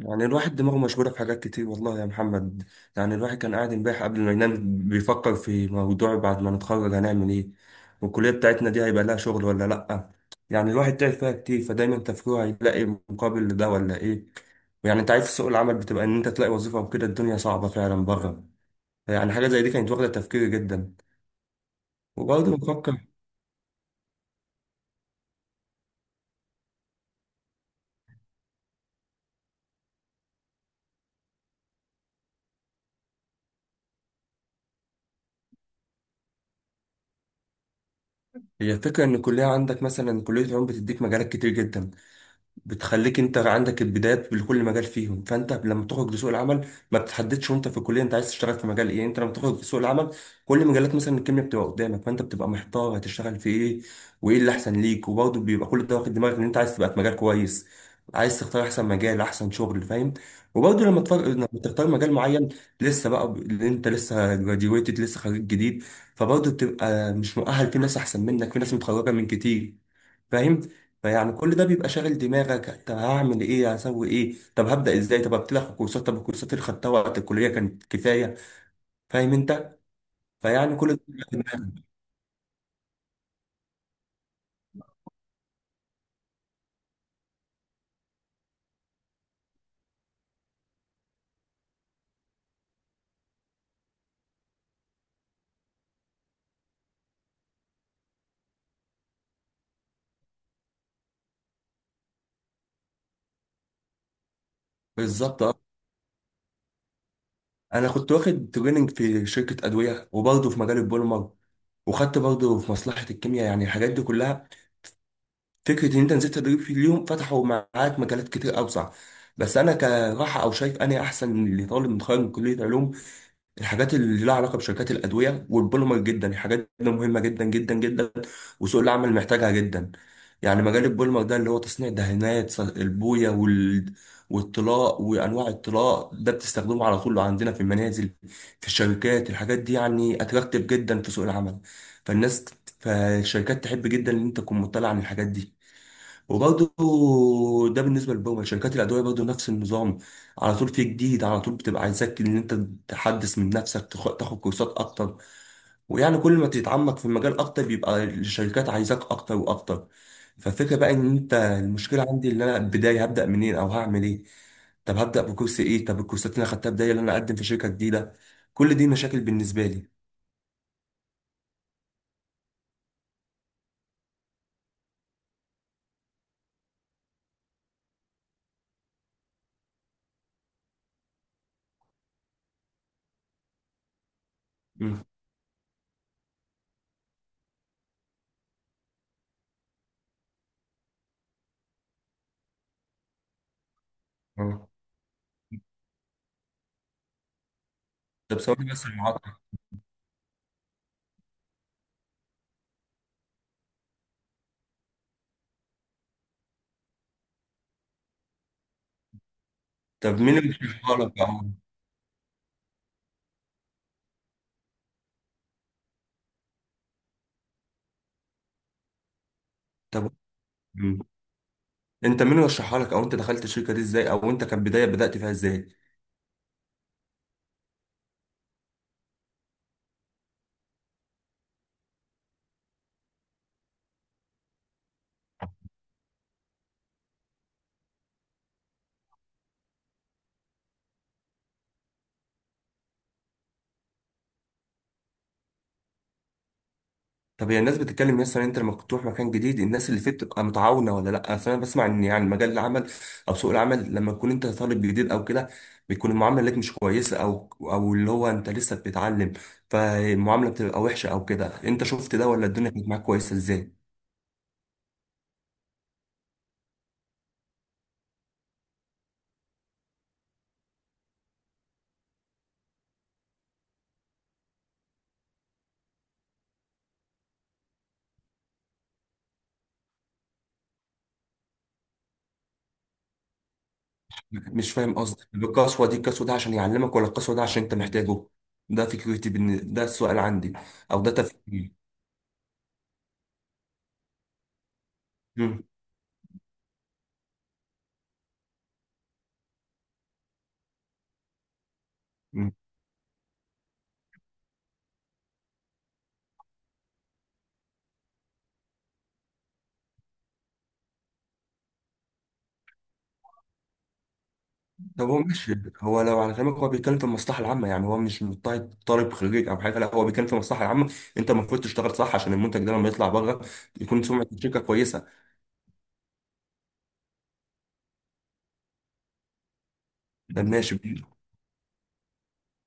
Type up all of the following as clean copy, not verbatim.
يعني الواحد دماغه مشغولة في حاجات كتير والله يا محمد. يعني الواحد كان قاعد امبارح قبل ما ينام بيفكر في موضوع، بعد ما نتخرج هنعمل ايه؟ والكلية بتاعتنا دي هيبقى لها شغل ولا لأ؟ يعني الواحد تعب فيها كتير، فدايما تفكيره هيلاقي مقابل لده ولا ايه؟ ويعني انت عارف سوق العمل، بتبقى ان انت تلاقي وظيفة وكده، الدنيا صعبة فعلا بره. يعني حاجة زي دي كانت واخدة تفكيري جدا. وبرضه بفكر. هي الفكرة ان الكلية عندك، مثلا كلية العلوم بتديك مجالات كتير جدا، بتخليك انت عندك البدايات لكل مجال فيهم، فانت لما تخرج لسوق العمل ما بتحددش وانت في الكليه انت عايز تشتغل في مجال ايه. انت لما تخرج لسوق العمل كل مجالات مثلا الكيمياء بتبقى قدامك، فانت بتبقى محتار هتشتغل في ايه وايه اللي احسن ليك. وبرضه بيبقى كل ده واخد دماغك ان انت عايز تبقى في مجال كويس، عايز تختار احسن مجال احسن شغل، فاهم؟ وبرضه لما لما تختار مجال معين، لسه بقى اللي انت لسه جراجويتد، لسه خريج جديد، فبرضه بتبقى مش مؤهل، في ناس احسن منك، في ناس متخرجه من كتير، فاهم؟ فيعني كل ده بيبقى شاغل دماغك، طب هعمل ايه، هسوي ايه، طب هبدا ازاي، طب ابتدي اخد كورسات، طب الكورسات اللي خدتها وقت الكليه كانت كفايه، فاهم انت؟ فيعني كل ده بيبقى في دماغك. بالظبط، اه. انا كنت واخد تريننج في شركه ادويه، وبرضه في مجال البوليمر، وخدت برضه في مصلحه الكيمياء، يعني الحاجات دي كلها. فكره ان انت نزلت تدريب في اليوم فتحوا معاك مجالات كتير اوسع. بس انا كراحه او شايف انا احسن لطالب متخرج من كليه علوم، الحاجات اللي لها علاقه بشركات الادويه والبوليمر جدا، الحاجات دي مهمه جدا جدا جدا، وسوق العمل محتاجها جدا. يعني مجال البوليمر ده اللي هو تصنيع دهانات، البويه والطلاء وانواع الطلاء، ده بتستخدمه على طول عندنا في المنازل، في الشركات، الحاجات دي يعني اتراكتيف جدا في سوق العمل. فالناس، فالشركات تحب جدا ان انت تكون مطلع عن الحاجات دي. وبرضه ده بالنسبه للبرمجه. شركات الادويه برضه نفس النظام، على طول في جديد، على طول بتبقى عايزاك ان انت تحدث من نفسك، تاخد كورسات اكتر. ويعني كل ما تتعمق في المجال اكتر بيبقى الشركات عايزاك اكتر واكتر. فالفكره بقى ان انت، المشكله عندي ان انا البدايه هبدا منين او هعمل ايه، طب هبدا بكورس ايه، طب الكورسات اللي انا خدتها بدايه اللي انا اقدم في شركه جديده، كل دي مشاكل بالنسبه لي. مم. آه. طب ثواني بس المعطل. طب مين اللي بيشرحها لك يا عمر؟ طب. مم. انت مين رشحها لك، او انت دخلت الشركه دي ازاي، او انت كبدايه بدات فيها ازاي؟ طب هي الناس بتتكلم، مثلا انت لما بتروح مكان جديد الناس اللي فيه بتبقى متعاونه ولا لا؟ اصل انا بسمع ان يعني مجال العمل او سوق العمل لما تكون انت طالب جديد او كده بيكون المعامله ليك مش كويسه، او او اللي هو انت لسه بتتعلم فالمعامله بتبقى وحشه او كده. انت شفت ده ولا الدنيا كانت معاك كويسه ازاي؟ مش فاهم قصدك القسوه دي، القسوه ده عشان يعلمك ولا القسوه ده عشان انت محتاجه؟ ده ده السؤال عندي، او ده تفكيري. مم. طب هو ماشي. هو لو على كلامك هو بيتكلم في المصلحه العامه، يعني هو مش مضطهد طالب خريج او حاجه، لا هو بيتكلم في المصلحه العامه، انت المفروض تشتغل صح عشان المنتج ده لما يطلع بره يكون سمعه الشركه كويسه. طب بالظبط ماشي.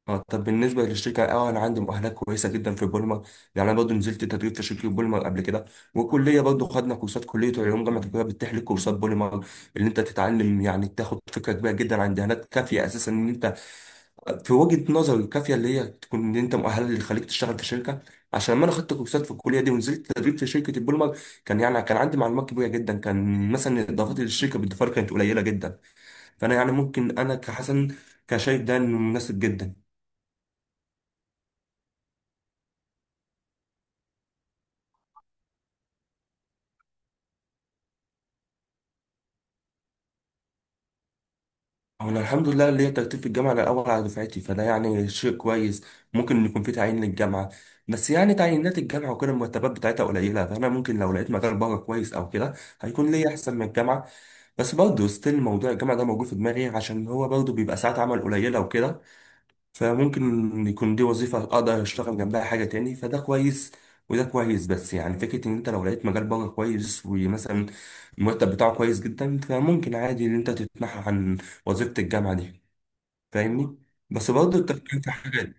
اه طب بالنسبه للشركه، اه انا عندي مؤهلات كويسه جدا في بولمر، يعني انا برضه نزلت تدريب في شركه بولمر قبل كده، والكليه برضه خدنا كورسات، كليه علوم جامعه القاهره بتتيح لك كورسات بولمر، اللي انت تتعلم يعني تاخد فكره كبيره جدا عن دهانات، كافيه اساسا ان انت، في وجهة نظري، الكافية اللي هي تكون ان انت مؤهل اللي يخليك تشتغل في شركة. عشان لما انا خدت كورسات في الكلية دي ونزلت تدريب في شركة البولمر كان يعني كان عندي معلومات كبيرة جدا، كان مثلا اضافاتي للشركة بالدفار كانت قليلة جدا. فانا يعني ممكن انا كحسن كشايف ده انه مناسب جدا. انا الحمد لله ليا ترتيب في الجامعة، الاول على دفعتي، فده يعني شيء كويس، ممكن يكون في تعيين للجامعة. بس يعني تعيينات الجامعة وكده المرتبات بتاعتها قليلة، فانا ممكن لو لقيت مجال بره كويس او كده هيكون ليا احسن من الجامعة. بس برضه ستيل موضوع الجامعة ده موجود في دماغي، عشان هو برضه بيبقى ساعات عمل قليلة وكده، فممكن يكون دي وظيفة أقدر أشتغل جنبها حاجة تاني فده كويس. وده كويس، بس يعني فكرة إن أنت لو لقيت مجال بره كويس، ومثلا المرتب بتاعه كويس جدا، فممكن عادي إن أنت تتنحى عن وظيفة الجامعة دي، فاهمني؟ بس برضه التفكير في حاجة.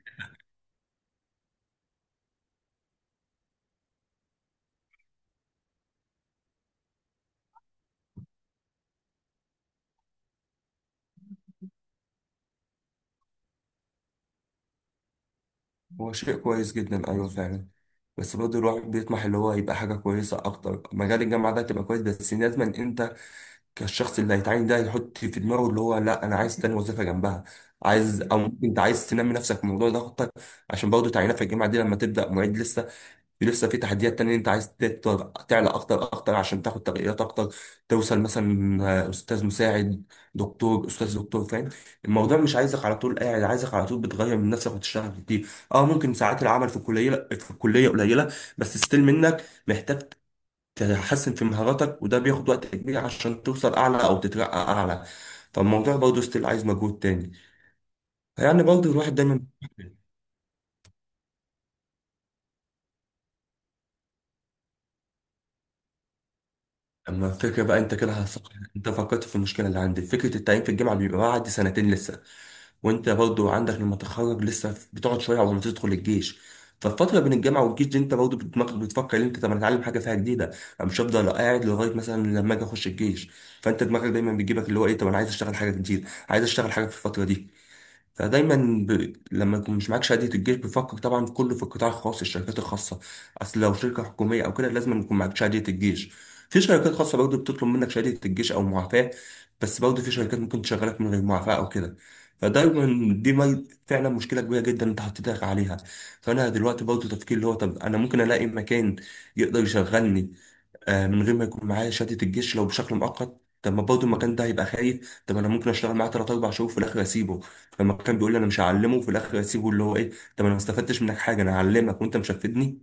هو شيء كويس جدا أيوه فعلا، بس برضه الواحد بيطمح اللي هو يبقى حاجة كويسة أكتر. مجال الجامعة ده تبقى كويس، بس لازم أنت الشخص اللي هيتعين ده يحط في دماغه اللي هو لا انا عايز تاني وظيفه جنبها، عايز او ممكن انت عايز تنمي نفسك في الموضوع ده خطك. عشان برضه تعيينات في الجامعه دي لما تبدا معيد لسه، في لسه في تحديات تانية، انت عايز تعلى اكتر اكتر عشان تاخد ترقيات اكتر، توصل مثلا، استاذ مساعد، دكتور، استاذ دكتور، فاهم؟ الموضوع مش عايزك على طول قاعد، عايزك على طول بتغير من نفسك وتشتغل كتير. اه ممكن ساعات العمل في الكليه، في الكليه قليله، بس ستيل منك محتاج تحسن في مهاراتك، وده بياخد وقت كبير عشان توصل اعلى او تترقى اعلى. فالموضوع برضه ستيل عايز مجهود تاني. يعني برضه الواحد دايما. اما الفكره بقى انت كده هصح. انت فكرت في المشكله اللي عندي؟ فكره التعيين في الجامعه بيبقى بعد سنتين لسه، وانت برضه عندك لما تتخرج لسه بتقعد شويه قبل ما تدخل الجيش. فالفتره بين الجامعه والجيش دي انت برضه دماغك بتفكر ان انت، طب أنا اتعلم حاجه فيها جديده، انا مش هفضل قاعد لغايه مثلا لما اجي اخش الجيش. فانت دماغك دايما بيجيبك اللي هو ايه، طب انا عايز اشتغل حاجه جديده، عايز اشتغل حاجه في الفتره دي. فدايما لما يكون مش معاك شهاده الجيش بيفكر طبعا كله في القطاع الخاص، الشركات الخاصه. اصل لو شركه حكوميه او كده لازم يكون معاك شهاده الجيش. في شركات خاصه برضه بتطلب منك شهاده الجيش او معافاه، بس برضه في شركات ممكن تشغلك من غير معافاه او كده. فدايما دي فعلا مشكله كبيره جدا انت حطيتك عليها. فانا دلوقتي برضه تفكير اللي هو، طب انا ممكن الاقي مكان يقدر يشغلني من غير ما يكون معايا شهاده الجيش لو بشكل مؤقت. طب ما برضه المكان ده هيبقى خايف، طب انا ممكن اشتغل معاه ثلاث اربع شهور في الاخر اسيبه. فلما كان بيقول لي انا مش هعلمه في الاخر اسيبه، اللي هو ايه، طب انا ما استفدتش منك حاجه، انا هعلمك وانت مش هتفيدني.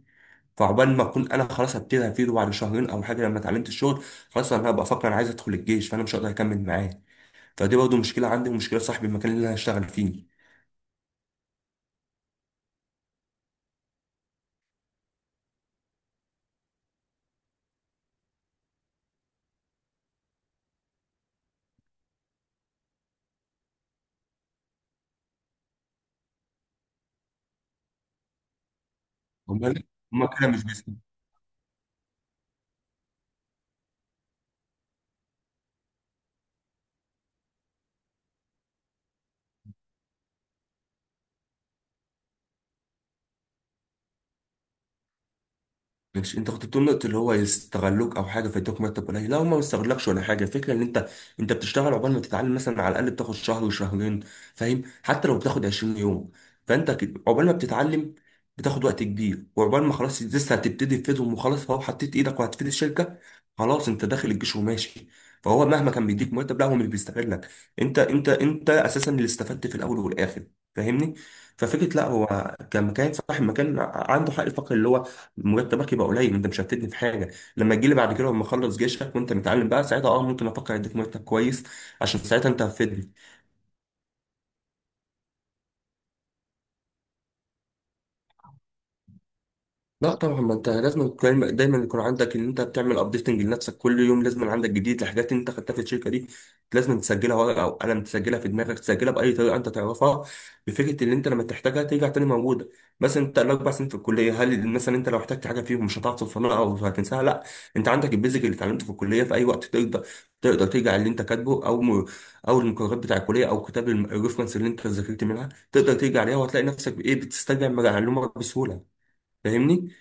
فعقبال ما اكون انا خلاص هبتدي هفيده بعد شهرين او حاجه لما اتعلمت الشغل، خلاص انا هبقى افكر انا عايز ادخل الجيش، فانا مش هقدر اكمل معاه. فدي برضه مشكله عندي ومشكله صاحب المكان اللي انا هشتغل فيه. امال، هما كده مش بيستفيدوا. مش انت كنت بتقول نقطة اللي هو يستغلوك او حاجة فيدوك مرتب قليل، لا هما ما يستغلكش ولا حاجة، الفكرة ان انت، انت بتشتغل عقبال ما تتعلم مثلا على الاقل بتاخد شهر وشهرين، فاهم؟ حتى لو بتاخد 20 يوم، فانت عقبال ما بتتعلم بتاخد وقت كبير، وعقبال ما خلاص لسه هتبتدي تفيدهم وخلاص، فهو حطيت ايدك وهتفيد الشركة، خلاص انت داخل الجيش وماشي. فهو مهما كان بيديك مرتب، لا هو مش بيستغلك، انت اساسا اللي استفدت في الاول والاخر، فاهمني؟ ففكرة لا هو كمكان، صاحب مكان عنده حق الفقر اللي هو مرتبك يبقى قليل، انت مش هتفيدني في حاجه، لما تجيلي بعد كده لما اخلص جيشك وانت متعلم بقى ساعتها، اه ممكن افكر اديك مرتب كويس عشان ساعتها انت هتفيدني. لا طبعا، ما انت لازم دايما دايما يكون عندك ان انت بتعمل ابديتنج لنفسك، كل يوم لازم عندك جديد لحاجات انت خدتها في الشركه دي، لازم تسجلها ورقه او قلم، تسجلها في دماغك، تسجلها باي طريقه انت تعرفها، بفكره ان انت لما تحتاجها ترجع تاني موجوده. مثلا انت الاربع سنين في الكليه هل مثلا انت لو احتجت حاجه فيهم مش هتعرف تفهمها او هتنساها؟ لا، انت عندك البيزك اللي اتعلمته في الكليه، في اي وقت تقدر ترجع اللي انت كاتبه، او المقررات بتاع الكليه، او كتاب الريفرنس اللي انت ذاكرت منها، تقدر ترجع عليها وهتلاقي نفسك بايه بتسترجع المعلومه بسهوله، فاهمني؟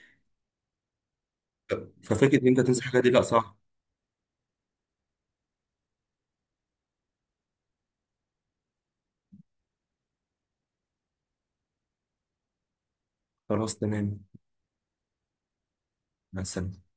ففكرة إن أنت تنسى الحاجات دي لأ صعب. خلاص تمام. مع السلامة.